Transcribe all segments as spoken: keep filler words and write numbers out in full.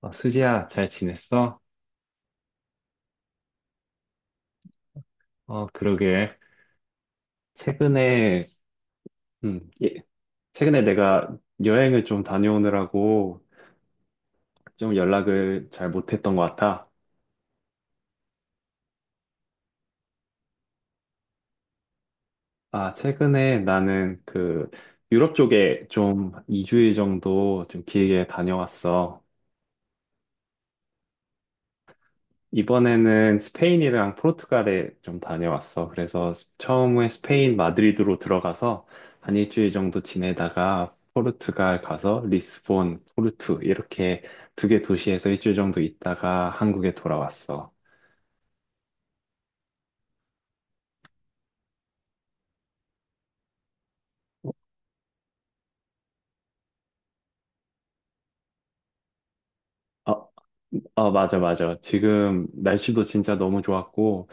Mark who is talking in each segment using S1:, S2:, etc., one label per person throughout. S1: 어, 수지야, 잘 지냈어? 어, 그러게. 최근에, 음, 예, 최근에 내가 여행을 좀 다녀오느라고 좀 연락을 잘 못했던 것 같아. 아, 최근에 나는 그 유럽 쪽에 좀 이 주일 정도 좀 길게 다녀왔어. 이번에는 스페인이랑 포르투갈에 좀 다녀왔어. 그래서 스- 처음에 스페인 마드리드로 들어가서 한 일주일 정도 지내다가 포르투갈 가서 리스본, 포르투 이렇게 두 개 도시에서 일주일 정도 있다가 한국에 돌아왔어. 어, 어, 맞아, 맞아. 지금 날씨도 진짜 너무 좋았고,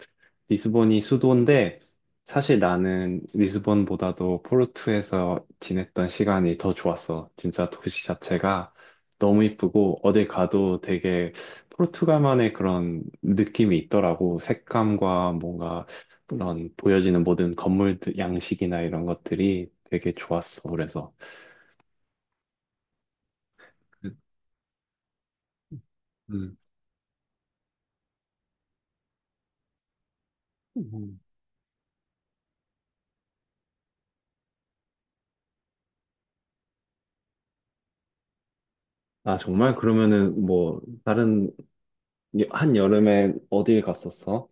S1: 리스본이 수도인데 사실 나는 리스본보다도 포르투에서 지냈던 시간이 더 좋았어. 진짜 도시 자체가 너무 이쁘고 어딜 가도 되게 포르투갈만의 그런 느낌이 있더라고. 색감과 뭔가 그런 보여지는 모든 건물 양식이나 이런 것들이 되게 좋았어. 그래서. 그- 음. 음. 아, 정말? 그러면은 뭐 다른 한 여름에 어딜 갔었어?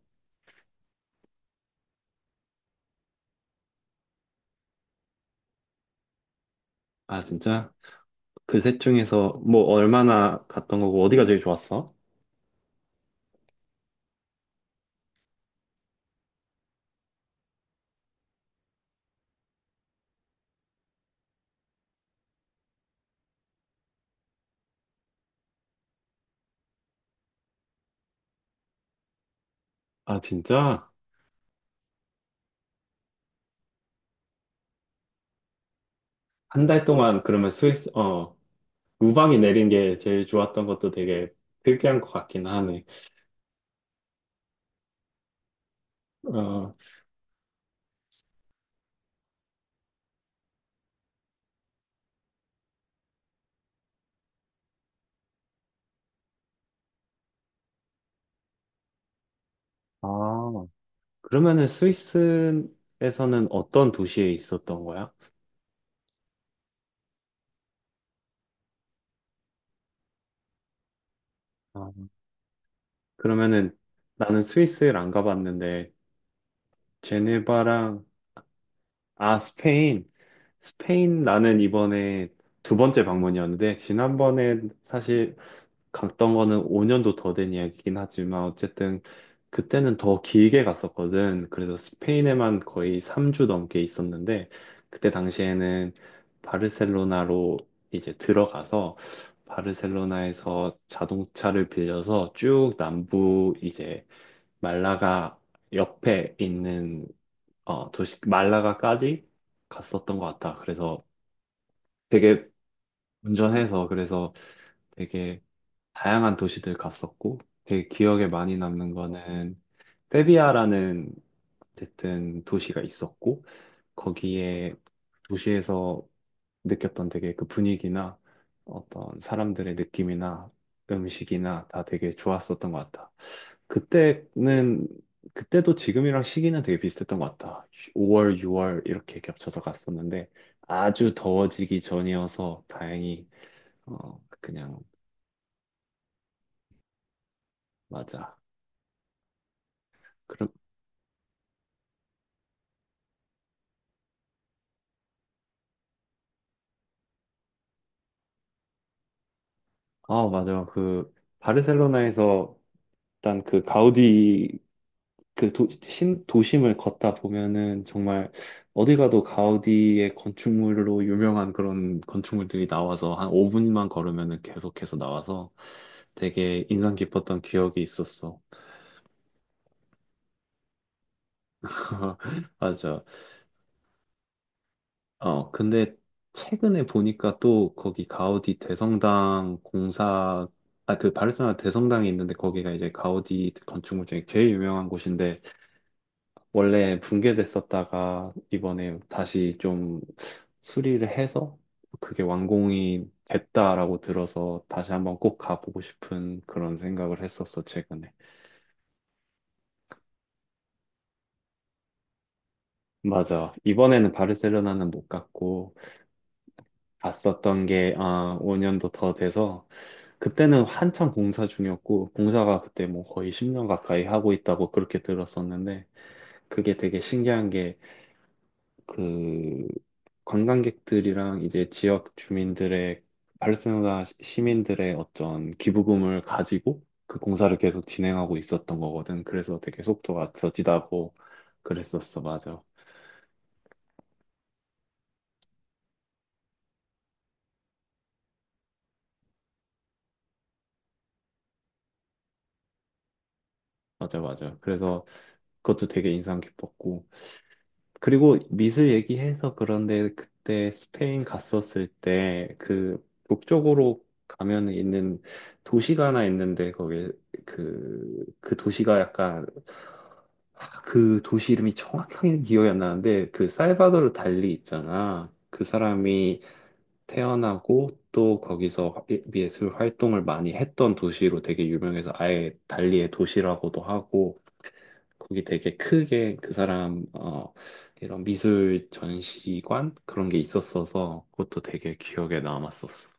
S1: 아, 진짜? 그 셋 중에서 뭐 얼마나 갔던 거고 어디가 제일 좋았어? 아, 진짜? 한 달 동안 그러면 스위스, 어, 우방이 내린 게 제일 좋았던 것도 되게 특이한 것 같긴 하네. 어, 아, 그러면은 스위스에서는 어떤 도시에 있었던 거야? 아, 그러면은 나는 스위스를 안 가봤는데, 제네바랑, 아, 스페인. 스페인 나는 이번에 두 번째 방문이었는데, 지난번에 사실 갔던 거는 오 년도 더 된 이야기긴 하지만 어쨌든 그때는 더 길게 갔었거든. 그래서 스페인에만 거의 삼 주 넘게 있었는데 그때 당시에는 바르셀로나로 이제 들어가서 바르셀로나에서 자동차를 빌려서 쭉 남부 이제 말라가 옆에 있는 어, 도시 말라가까지 갔었던 것 같아. 그래서 되게 운전해서 그래서 되게 다양한 도시들 갔었고 되게 기억에 많이 남는 거는 세비야라는 어쨌든 도시가 있었고 거기에 도시에서 느꼈던 되게 그 분위기나 어떤 사람들의 느낌이나 음식이나 다 되게 좋았었던 것 같다. 그때는 그때도 지금이랑 시기는 되게 비슷했던 것 같다. 오월, 유월 이렇게 겹쳐서 갔었는데 아주 더워지기 전이어서 다행히 어 그냥 맞아. 아, 맞아. 그, 바르셀로나에서 일단 그 가우디, 그 도, 신, 도심을 걷다 보면은 정말 어디 가도 가우디의 건축물로 유명한 그런 건축물들이 나와서 한 오 분만 걸으면은 계속해서 나와서 되게 인상 깊었던 기억이 있었어. 맞아. 어, 근데 최근에 보니까 또 거기 가우디 대성당 공사, 아, 그 바르셀로나 대성당이 있는데 거기가 이제 가우디 건축물 중에 제일 유명한 곳인데 원래 붕괴됐었다가 이번에 다시 좀 수리를 해서 그게 완공이 됐다라고 들어서 다시 한번 꼭 가보고 싶은 그런 생각을 했었어, 최근에. 맞아. 이번에는 바르셀로나는 못 갔고 갔었던 게 아, 오 년도 더 돼서 그때는 한참 공사 중이었고 공사가 그때 뭐 거의 십 년 가까이 하고 있다고 그렇게 들었었는데 그게 되게 신기한 게그 관광객들이랑 이제 지역 주민들의 팔레스티나 시- 시민들의 어떤 기부금을 가지고 그 공사를 계속 진행하고 있었던 거거든. 그래서 되게 속도가 더디다고 그랬었어. 맞아. 맞아, 맞아. 그래서 그것도 되게 인상 깊었고. 그리고 미술 얘기해서 그런데 그때 스페인 갔었을 때 그 북쪽으로 가면 있는 도시가 하나 있는데 거기 그, 그 도시가 약간 아, 그 도시 이름이 정확하게 기억이 안 나는데 그 살바도르 달리 있잖아. 그 사람이 태어나고 또 거기서 예- 예술 활동을 많이 했던 도시로 되게 유명해서 아예 달리의 도시라고도 하고 거기 되게 크게 그 사람 어 이런 미술 전시관 그런 게 있었어서 그것도 되게 기억에 남았었어.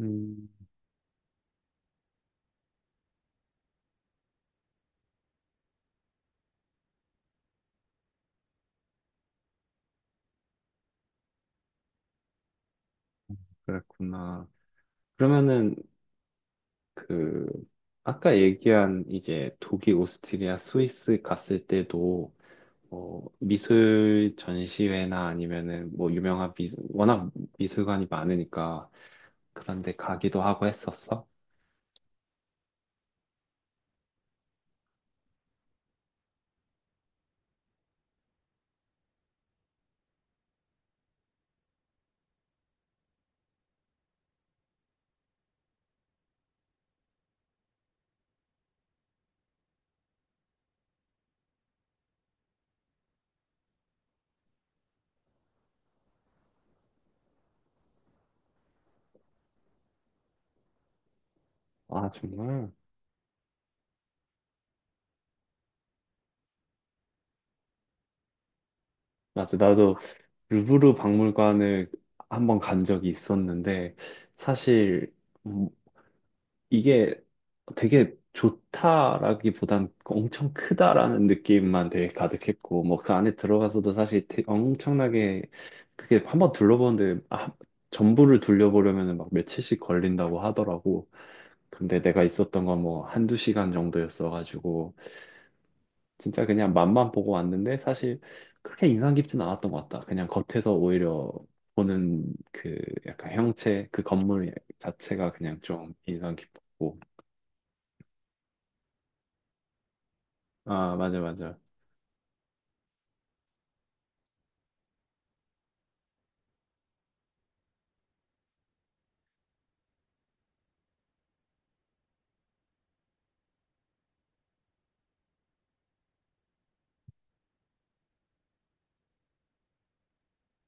S1: 음, 그랬구나. 그러면은 그 아까 얘기한 이제 독일, 오스트리아, 스위스 갔을 때도 어, 미술 전시회나 아니면은 뭐 유명한 미술, 워낙 미술관이 많으니까 그런데 가기도 하고 했었어? 아, 정말? 맞아. 나도 루브르 박물관을 한번 간 적이 있었는데 사실 이게 되게 좋다라기보단 엄청 크다라는 느낌만 되게 가득했고, 뭐 그 안에 들어가서도 사실 되- 엄청나게 그게 한번 둘러보는데 아, 전부를 둘러보려면 막 며칠씩 걸린다고 하더라고. 근데 내가 있었던 건 뭐 한두 시간 정도였어가지고, 진짜 그냥 맛만 보고 왔는데 사실 그렇게 인상 깊진 않았던 것 같다. 그냥 겉에서 오히려 보는 그 약간 형체, 그 건물 자체가 그냥 좀 인상 깊었고, 아, 맞아, 맞아.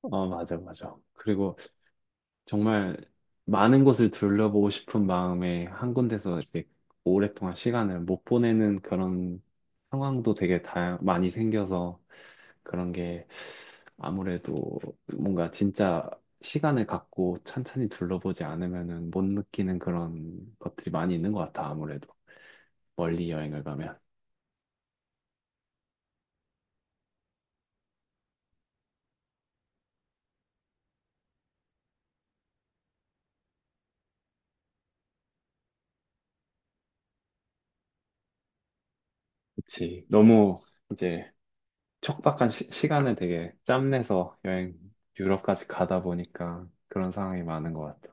S1: 어, 맞아, 맞아. 그리고 정말 많은 곳을 둘러보고 싶은 마음에 한 군데서 이렇게 오랫동안 시간을 못 보내는 그런 상황도 되게 다 많이 생겨서 그런 게 아무래도 뭔가 진짜 시간을 갖고 천천히 둘러보지 않으면은 못 느끼는 그런 것들이 많이 있는 것 같아, 아무래도. 멀리 여행을 가면. 그치. 너무 이제 촉박한 시, 시간을 되게 짬내서 여행 유럽까지 가다 보니까 그런 상황이 많은 것 같아.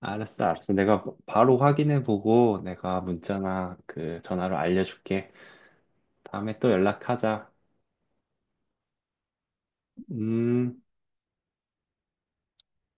S1: 알았어, 알았어. 내가 바로 확인해 보고 내가 문자나 그 전화로 알려줄게. 다음에 또 연락하자. 음.